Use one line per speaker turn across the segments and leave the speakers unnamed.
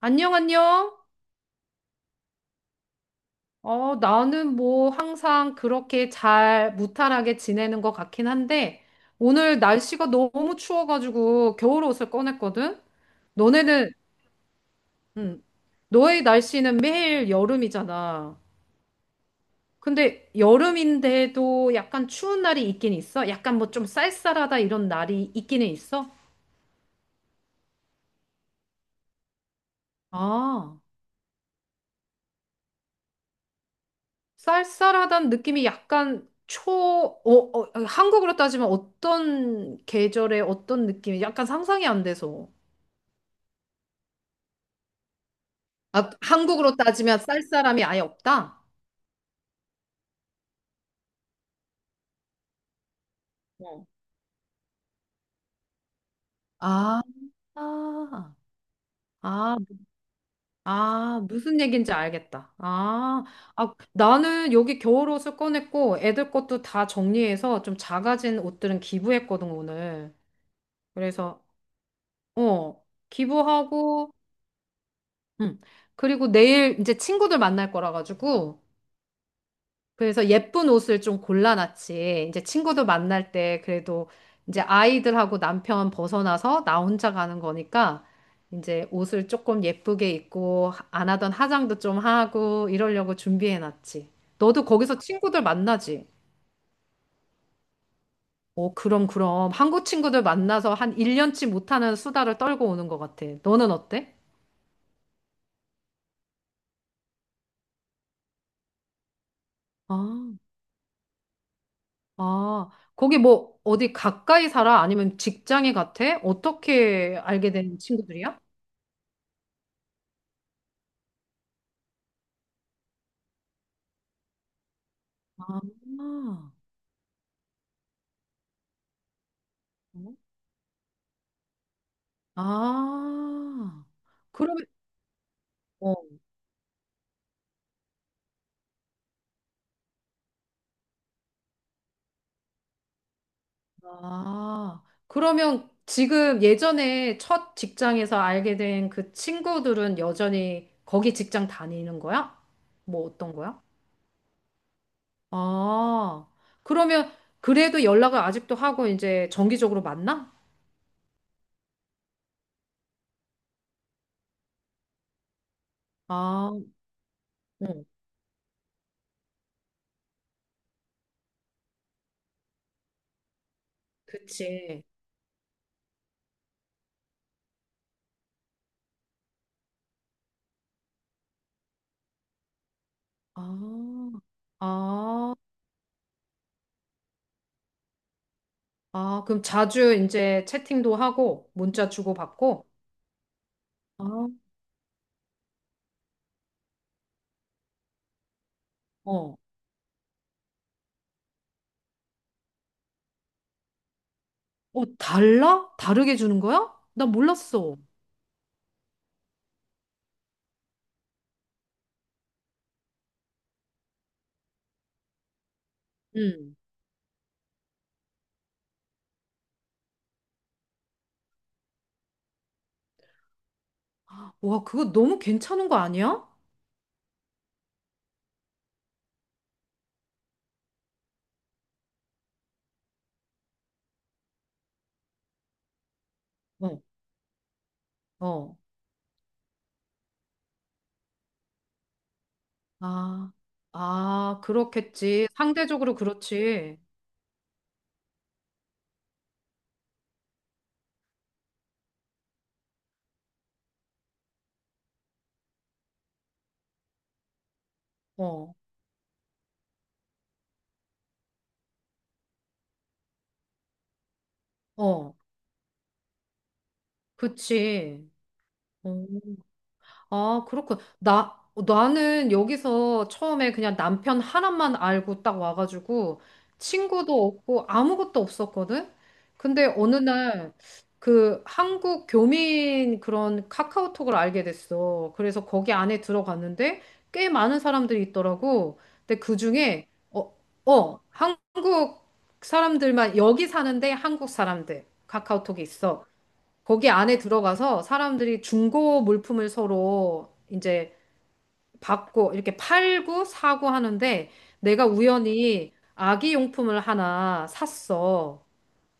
안녕, 안녕. 어, 나는 뭐 항상 그렇게 잘 무탈하게 지내는 것 같긴 한데, 오늘 날씨가 너무 추워가지고 겨울 옷을 꺼냈거든? 너네는, 음, 너의 날씨는 매일 여름이잖아. 근데 여름인데도 약간 추운 날이 있긴 있어? 약간 뭐 좀 쌀쌀하다 이런 날이 있기는 있어? 아. 쌀쌀하다는 느낌이 약간 한국으로 따지면 어떤 계절에 어떤 느낌이 약간 상상이 안 돼서. 아, 한국으로 따지면 쌀쌀함이 아예 없다? 어. 아, 아, 아, 아, 무슨 얘기인지 알겠다. 아, 아, 나는 여기 겨울옷을 꺼냈고 애들 것도 다 정리해서 좀 작아진 옷들은 기부했거든, 오늘. 그래서, 어, 기부하고, 음, 그리고 내일 이제 친구들 만날 거라 가지고 그래서 예쁜 옷을 좀 골라놨지. 이제 친구들 만날 때 그래도 이제 아이들하고 남편 벗어나서 나 혼자 가는 거니까 이제 옷을 조금 예쁘게 입고 안 하던 화장도 좀 하고 이러려고 준비해놨지. 너도 거기서 친구들 만나지? 어, 그럼 그럼 한국 친구들 만나서 한 1년치 못하는 수다를 떨고 오는 것 같아. 너는 어때? 아, 아, 거기 뭐 어디 가까이 살아? 아니면 직장에 같아? 어떻게 알게 된 친구들이야? 아, 어? 아. 그러면, 어, 아. 그러면 지금 예전에 첫 직장에서 알게 된 그 친구들은 여전히 거기 직장 다니는 거야? 뭐 어떤 거야? 아. 그러면 그래도 연락을 아직도 하고 이제 정기적으로 만나? 아, 응. 그치. 아, 아, 아. 그럼 자주 이제 채팅도 하고 문자 주고받고? 아, 어. 어, 달라? 다르게 주는 거야? 나 몰랐어. 응. 와, 그거 너무 괜찮은 거 아니야? 어, 어, 아, 아, 그렇겠지. 상대적으로 그렇지. 어, 어, 그치. 어. 아, 그렇군. 나는 여기서 처음에 그냥 남편 하나만 알고 딱 와가지고 친구도 없고 아무것도 없었거든? 근데 어느 날 그 한국 교민 그런 카카오톡을 알게 됐어. 그래서 거기 안에 들어갔는데 꽤 많은 사람들이 있더라고. 근데 그 중에, 한국 사람들만, 여기 사는데 한국 사람들 카카오톡이 있어. 거기 안에 들어가서 사람들이 중고 물품을 서로 이제 받고 이렇게 팔고 사고 하는데 내가 우연히 아기 용품을 하나 샀어.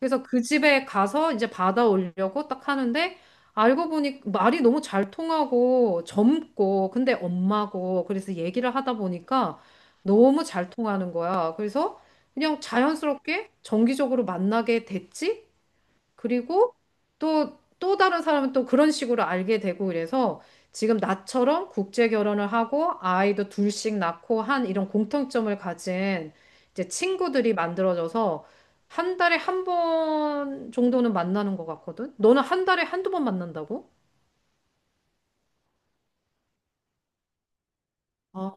그래서 그 집에 가서 이제 받아오려고 딱 하는데 알고 보니 말이 너무 잘 통하고 젊고 근데 엄마고 그래서 얘기를 하다 보니까 너무 잘 통하는 거야. 그래서 그냥 자연스럽게 정기적으로 만나게 됐지? 그리고 또 다른 사람은 또 그런 식으로 알게 되고 이래서 지금 나처럼 국제 결혼을 하고 아이도 둘씩 낳고 한 이런 공통점을 가진 이제 친구들이 만들어져서 한 달에 한 번 정도는 만나는 것 같거든? 너는 한 달에 한두 번 만난다고? 아,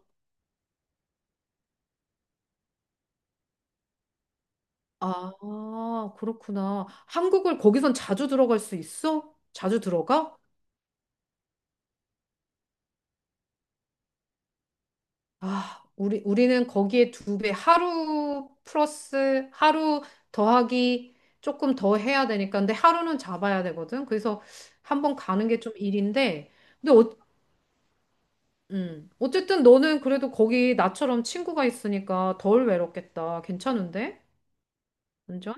아, 그렇구나. 한국을 거기선 자주 들어갈 수 있어? 자주 들어가? 아, 우리는 거기에 두 배, 하루 플러스, 하루 더하기 조금 더 해야 되니까. 근데 하루는 잡아야 되거든. 그래서 한 번 가는 게 좀 일인데. 근데, 어쨌든 너는 그래도 거기 나처럼 친구가 있으니까 덜 외롭겠다. 괜찮은데? 완전?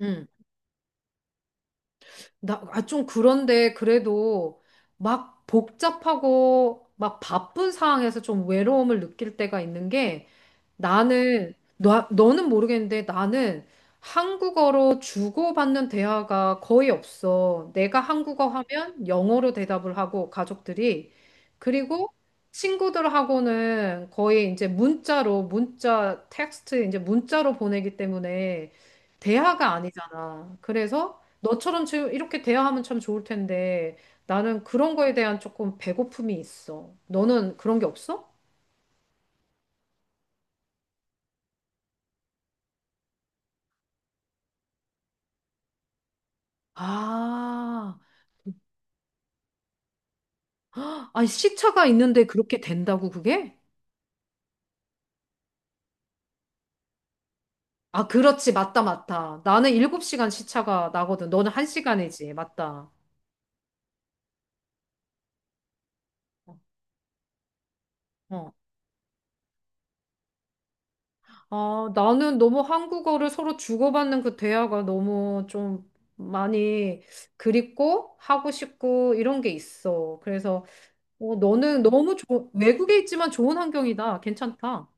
응. 좀 그런데 그래도 막 복잡하고 막 바쁜 상황에서 좀 외로움을 느낄 때가 있는 게 너는 모르겠는데 나는 한국어로 주고받는 대화가 거의 없어. 내가 한국어 하면 영어로 대답을 하고 가족들이. 그리고 친구들하고는 거의 이제 문자로, 문자, 텍스트, 이제 문자로 보내기 때문에 대화가 아니잖아. 그래서 너처럼 지금 이렇게 대화하면 참 좋을 텐데 나는 그런 거에 대한 조금 배고픔이 있어. 너는 그런 게 없어? 아. 아니, 시차가 있는데 그렇게 된다고, 그게? 아, 그렇지. 맞다, 맞다. 나는 7시간 시차가 나거든. 너는 1시간이지. 맞다. 어. 어. 아, 나는 너무 한국어를 서로 주고받는 그 대화가 너무 좀 많이 그립고 하고 싶고 이런 게 있어. 그래서 너는 너무 좋 외국에 있지만 좋은 환경이다. 괜찮다.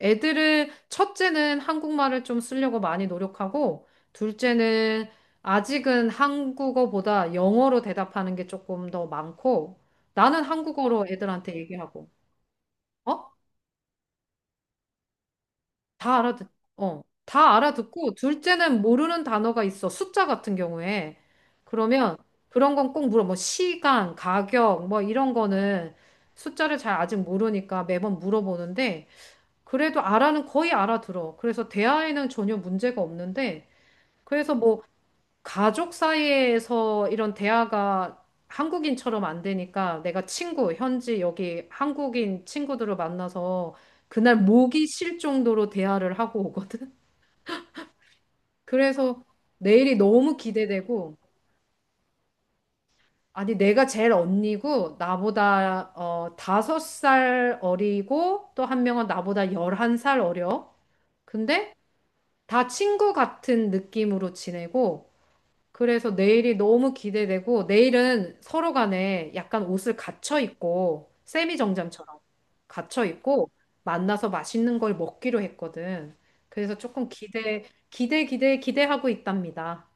애들은 첫째는 한국말을 좀 쓰려고 많이 노력하고 둘째는 아직은 한국어보다 영어로 대답하는 게 조금 더 많고 나는 한국어로 애들한테 얘기하고 어? 다 알아듣 어. 다 알아듣고 둘째는 모르는 단어가 있어. 숫자 같은 경우에. 그러면 그런 건 꼭 물어. 뭐 시간, 가격 뭐 이런 거는 숫자를 잘 아직 모르니까 매번 물어보는데 그래도 알아는 거의 알아들어. 그래서 대화에는 전혀 문제가 없는데, 그래서 뭐 가족 사이에서 이런 대화가 한국인처럼 안 되니까 내가 현지 여기 한국인 친구들을 만나서 그날 목이 쉴 정도로 대화를 하고 오거든. 그래서 내일이 너무 기대되고, 아니 내가 제일 언니고 나보다 5살 어리고 또 한 명은 나보다 11살 어려. 근데 다 친구 같은 느낌으로 지내고, 그래서 내일이 너무 기대되고, 내일은 서로 간에 약간 옷을 갖춰 입고, 세미정장처럼 갖춰 입고, 만나서 맛있는 걸 먹기로 했거든. 그래서 조금 기대하고 있답니다.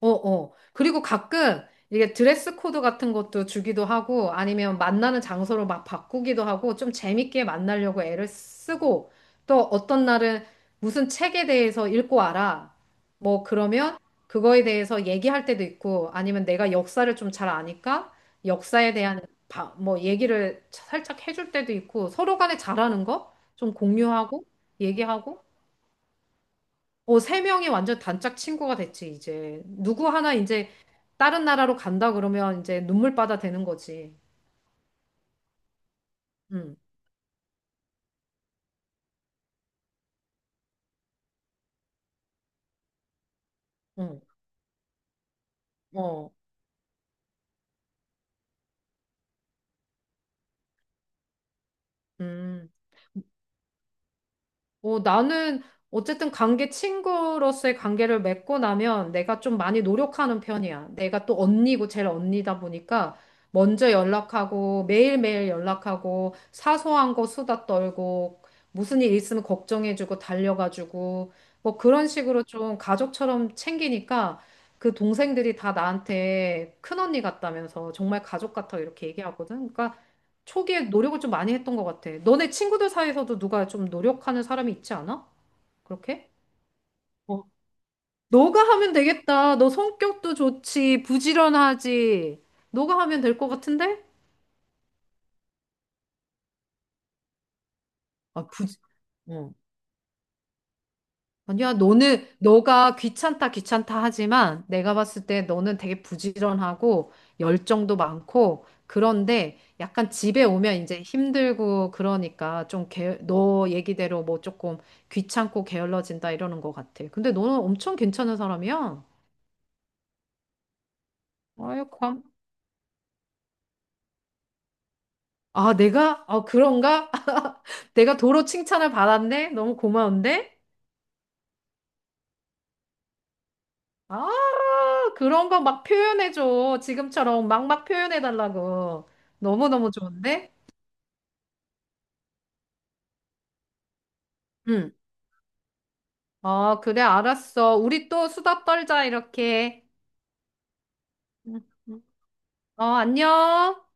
어, 어. 그리고 가끔 이게 드레스 코드 같은 것도 주기도 하고 아니면 만나는 장소를 막 바꾸기도 하고 좀 재밌게 만나려고 애를 쓰고 또 어떤 날은 무슨 책에 대해서 읽고 알아. 뭐 그러면 그거에 대해서 얘기할 때도 있고 아니면 내가 역사를 좀 잘 아니까 역사에 대한 뭐 얘기를 살짝 해줄 때도 있고 서로 간에 잘하는 거 좀 공유하고 얘기하고 어, 세 명이 완전 단짝 친구가 됐지, 이제. 누구 하나 이제 다른 나라로 간다 그러면 이제 눈물바다 되는 거지. 응, 응, 어, 음. 어, 나는 어쨌든 관계 친구로서의 관계를 맺고 나면 내가 좀 많이 노력하는 편이야. 내가 또 언니고 제일 언니다 보니까 먼저 연락하고 매일매일 연락하고 사소한 거 수다 떨고 무슨 일 있으면 걱정해주고 달려가지고 뭐 그런 식으로 좀 가족처럼 챙기니까 그 동생들이 다 나한테 큰언니 같다면서 정말 가족 같다고 이렇게 얘기하거든. 그러니까 초기에 노력을 좀 많이 했던 것 같아. 너네 친구들 사이에서도 누가 좀 노력하는 사람이 있지 않아? 그렇게? 어, 너가 하면 되겠다. 너 성격도 좋지. 부지런하지. 너가 하면 될 것 같은데? 아, 부지, 어. 아니야, 너가 귀찮다, 귀찮다 하지만 내가 봤을 때 너는 되게 부지런하고 열정도 많고 그런데 약간 집에 오면 이제 힘들고 그러니까 좀 너 얘기대로 뭐 조금 귀찮고 게을러진다 이러는 것 같아. 근데 너는 엄청 괜찮은 사람이야. 아유, 감. 아, 내가? 아, 그런가? 내가 도로 칭찬을 받았네? 너무 고마운데? 아, 그런 거 막 표현해줘. 지금처럼 막 막 표현해달라고. 너무너무 좋은데? 응. 어, 그래, 알았어. 우리 또 수다 떨자, 이렇게. 응, 응. 어, 안녕.